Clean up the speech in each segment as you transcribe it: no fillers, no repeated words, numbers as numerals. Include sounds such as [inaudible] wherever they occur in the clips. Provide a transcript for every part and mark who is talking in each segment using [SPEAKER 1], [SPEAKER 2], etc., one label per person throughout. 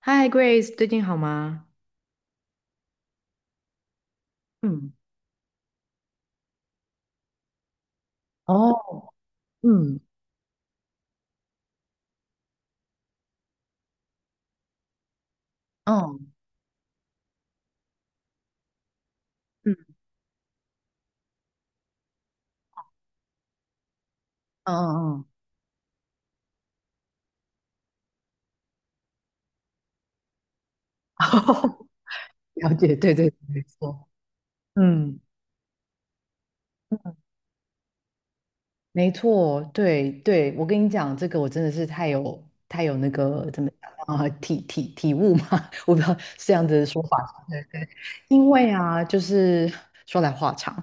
[SPEAKER 1] 嗨，Grace,最近好吗？嗯。哦。嗯。哦。嗯。嗯嗯嗯。[laughs] 了解，对对对，没错。嗯。没错，对对，我跟你讲，这个我真的是太有那个怎么讲啊，体悟嘛。[laughs] 我不知道是这样子的说法，对对。因为啊，就是说来话长，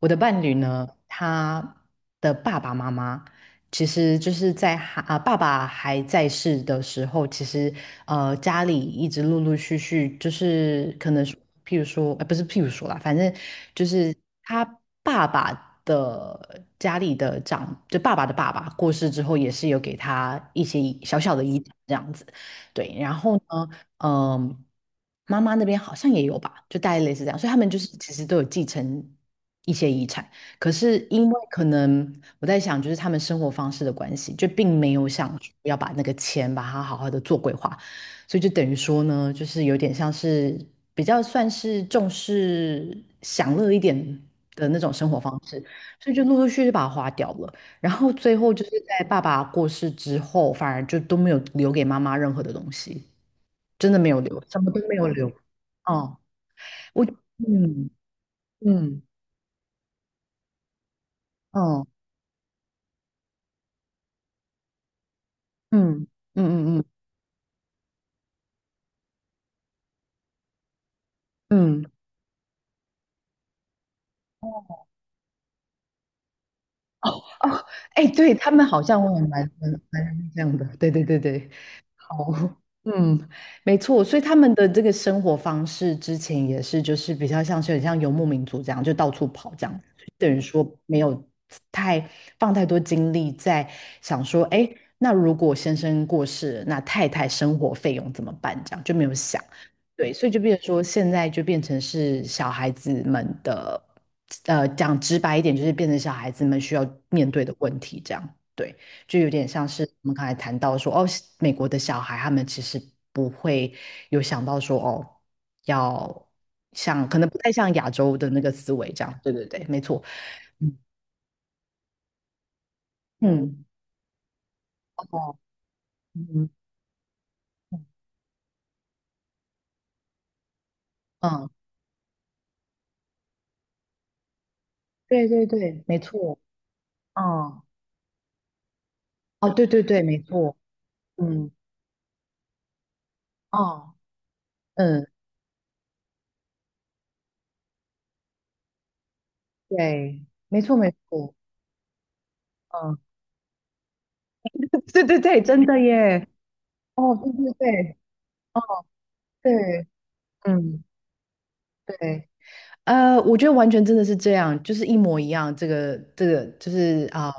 [SPEAKER 1] 我的伴侣呢，他的爸爸妈妈。其实就是在爸爸还在世的时候，其实家里一直陆陆续续就是可能是譬如说，不是譬如说啦，反正就是他爸爸的家里的长，就爸爸的爸爸过世之后，也是有给他一些小小的遗产这样子。对，然后呢，嗯、妈妈那边好像也有吧，就大概类似这样，所以他们就是其实都有继承一些遗产。可是因为可能我在想，就是他们生活方式的关系，就并没有想说要把那个钱把它好好的做规划，所以就等于说呢，就是有点像是比较算是重视享乐一点的那种生活方式，所以就陆陆续续就把它花掉了，然后最后就是在爸爸过世之后，反而就都没有留给妈妈任何的东西。真的没有留，什么都没有留。哦。我。嗯。嗯。哦。嗯。嗯嗯嗯。嗯。哦。哎，对他们好像我也蛮这样的，对对对对。哦，[laughs] 嗯。没错，所以他们的这个生活方式之前也是，就是比较像是很像游牧民族这样，就到处跑这样，等于说没有太放太多精力在想说，哎，那如果先生过世了，那太太生活费用怎么办？这样就没有想。对，所以就变成说，现在就变成是小孩子们的，讲直白一点，就是变成小孩子们需要面对的问题这样。对。就有点像是我们刚才谈到说，哦，美国的小孩他们其实不会有想到说，哦，要像可能不太像亚洲的那个思维这样。对对对，没错。嗯。嗯。哦。嗯。嗯，对对对，没错。嗯。哦，对对对，没错。嗯。哦。嗯。对，没错没错。嗯，[laughs] 对对对，真的耶。哦，对对对对。嗯。对。我觉得完全真的是这样，就是一模一样。这个就是啊、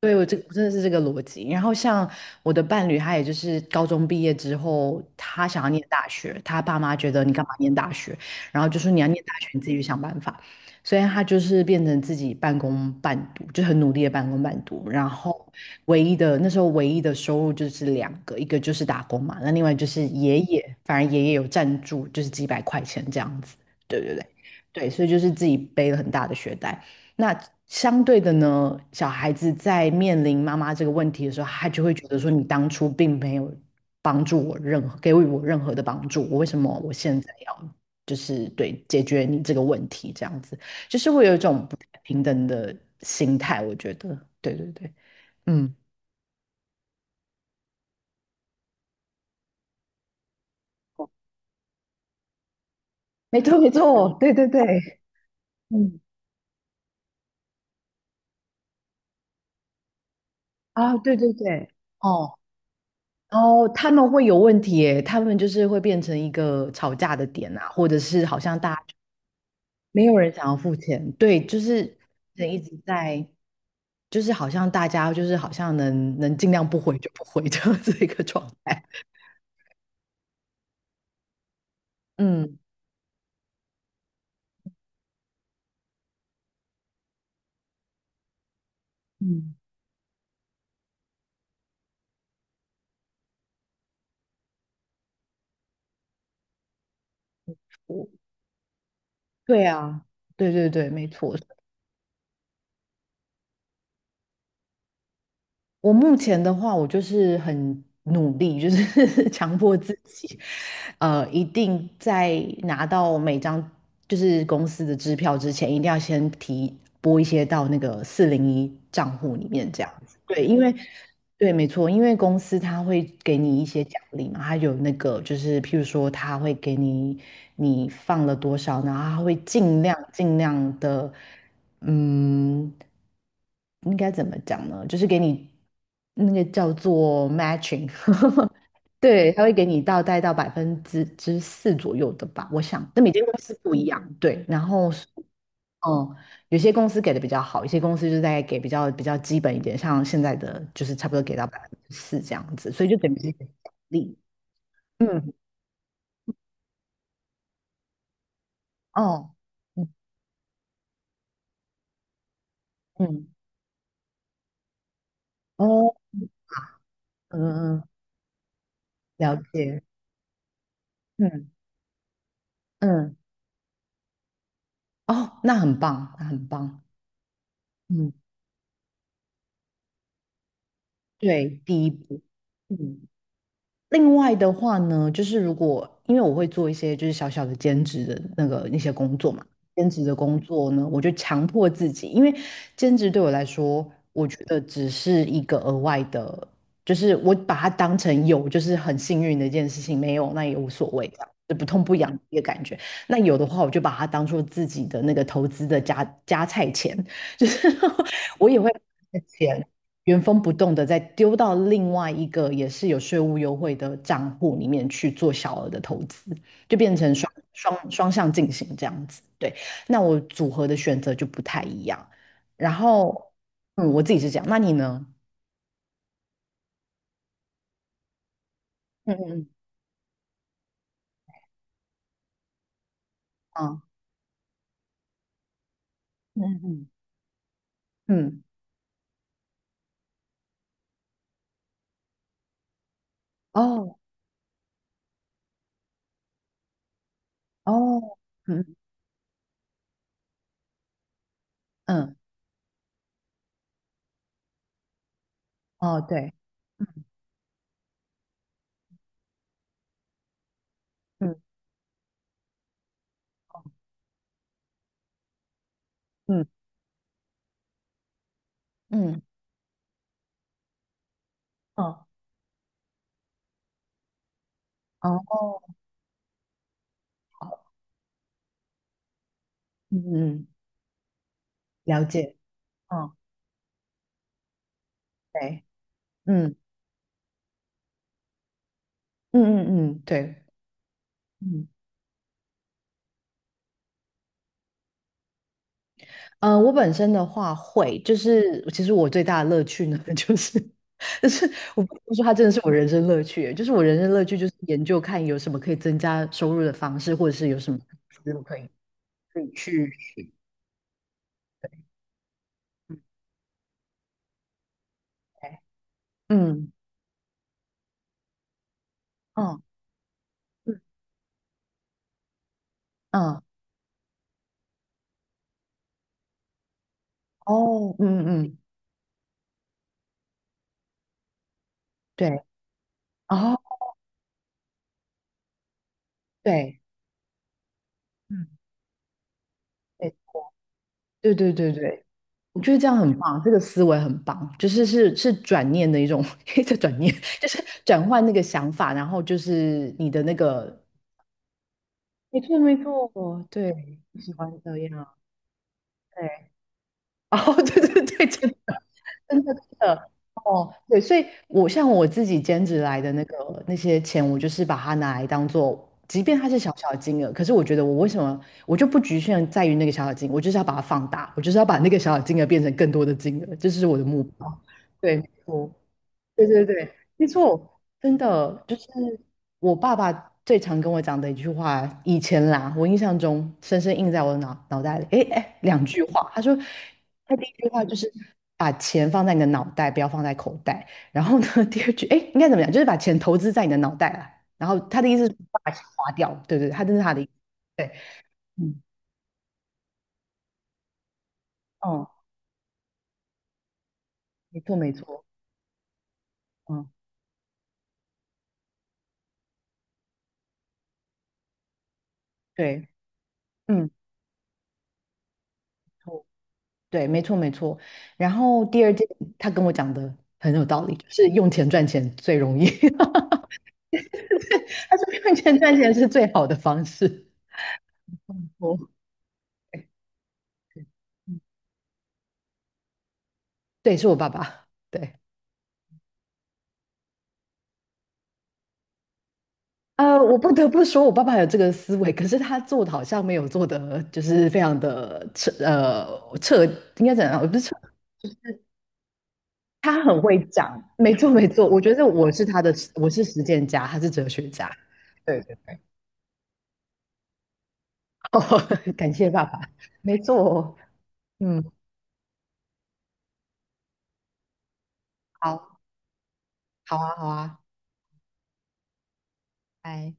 [SPEAKER 1] 对我这我真的是这个逻辑。然后像我的伴侣，他也就是高中毕业之后，他想要念大学，他爸妈觉得你干嘛念大学，然后就说你要念大学，你自己去想办法。所以他就是变成自己半工半读，就很努力的半工半读。然后唯一的那时候唯一的收入就是两个，一个就是打工嘛，那另外就是爷爷，反正爷爷有赞助，就是几百块钱这样子。对对对。对，所以就是自己背了很大的学贷。那相对的呢，小孩子在面临妈妈这个问题的时候，他就会觉得说，你当初并没有帮助我任何，给予我任何的帮助，我为什么我现在要就是对解决你这个问题这样子，就是会有一种不太平等的心态，我觉得，对对对。嗯。没错没错，对对对。嗯。啊，对对对。哦。哦，他们会有问题诶，他们就是会变成一个吵架的点啊，或者是好像大家没有人想要付钱。对，就是人一直在，就是好像大家就是好像能尽量不回就不回的 [laughs] 这样子一个状态。嗯嗯。我。对啊，对对对，没错。我目前的话，我就是很努力，就是 [laughs] 强迫自己，一定在拿到每张就是公司的支票之前，一定要先提拨一些到那个401账户里面，这样。对，因为对，没错，因为公司他会给你一些奖励嘛，他有那个就是，譬如说，他会给你你放了多少，然后他会尽量尽量的。嗯，应该怎么讲呢？就是给你那个叫做 matching。[laughs] 对，他会给你到带到百分之四左右的吧，我想，那每间公司不一样。对，然后。嗯，有些公司给的比较好，有些公司就在给比较比较基本一点，像现在的就是差不多给到4%这样子，所以就等于是一个奖励。嗯。哦。嗯嗯。哦。嗯嗯。了解。嗯嗯。哦，那很棒，那很棒。嗯，对，第一步。嗯。另外的话呢，就是如果因为我会做一些就是小小的兼职的那个那些工作嘛，兼职的工作呢，我就强迫自己，因为兼职对我来说，我觉得只是一个额外的，就是我把它当成有，就是很幸运的一件事情，没有那也无所谓，这样就不痛不痒的一个感觉。那有的话，我就把它当做自己的那个投资的加菜钱，就是 [laughs] 我也会。钱，原封不动的再丢到另外一个也是有税务优惠的账户里面去做小额的投资，就变成双向进行这样子。对，那我组合的选择就不太一样。然后，嗯，我自己是这样，那你呢？嗯。嗯。嗯。嗯。嗯。嗯。哦。哦。嗯。嗯。哦。对。嗯。嗯。嗯。哦。哦。嗯。嗯。了解。哦。对。嗯。嗯。嗯。嗯。对。嗯。我本身的话会，就是其实我最大的乐趣呢，[laughs] 就是，就是我不得不说它真的是我人生乐趣欸，就是我人生乐趣就是研究看有什么可以增加收入的方式，或者是有什么思路可以去。嗯。嗯。嗯。嗯。哦。嗯。嗯。嗯。对。哦。对。嗯。对对对对。对，我觉得这样很棒，这个思维很棒，就是是是转念的一种 [laughs] 一个转念，[laughs] 就是转换那个想法，然后就是你的那个没错没错。对，不喜欢这样。对。 [laughs]，哦，[laughs] 对对对，真的真的真的。哦，对，所以我像我自己兼职来的那个那些钱，我就是把它拿来当做，即便它是小小的金额，可是我觉得我为什么我就不局限在于那个小小金额，我就是要把它放大，我就是要把那个小小金额变成更多的金额，这是我的目标。对，我。对对对，没错，真的就是我爸爸最常跟我讲的一句话，以前啦，我印象中深深印在我的脑袋里。诶诶，两句话，他说，他第一句话就是把钱放在你的脑袋，不要放在口袋。然后呢，[laughs] 第二句，诶，应该怎么讲？就是把钱投资在你的脑袋啦。然后他的意思是把钱花掉，对对对，他这是他的意思。对。嗯。哦。没错没错。嗯。对。嗯。对，没错没错。然后第二件，他跟我讲的很有道理，就是用钱赚钱最容易。[laughs] 他说用钱赚钱是最好的方式。哦，[laughs] 对，是我爸爸。对，我不得不说，我爸爸有这个思维，可是他做的好像没有做的，就是非常的彻，彻，应该怎样？不是彻他很会讲。没错没错，我觉得我是他的，我是实践家，他是哲学家。对对，[laughs] 哦，感谢爸爸。没错哦。嗯。好。好啊，好啊。拜。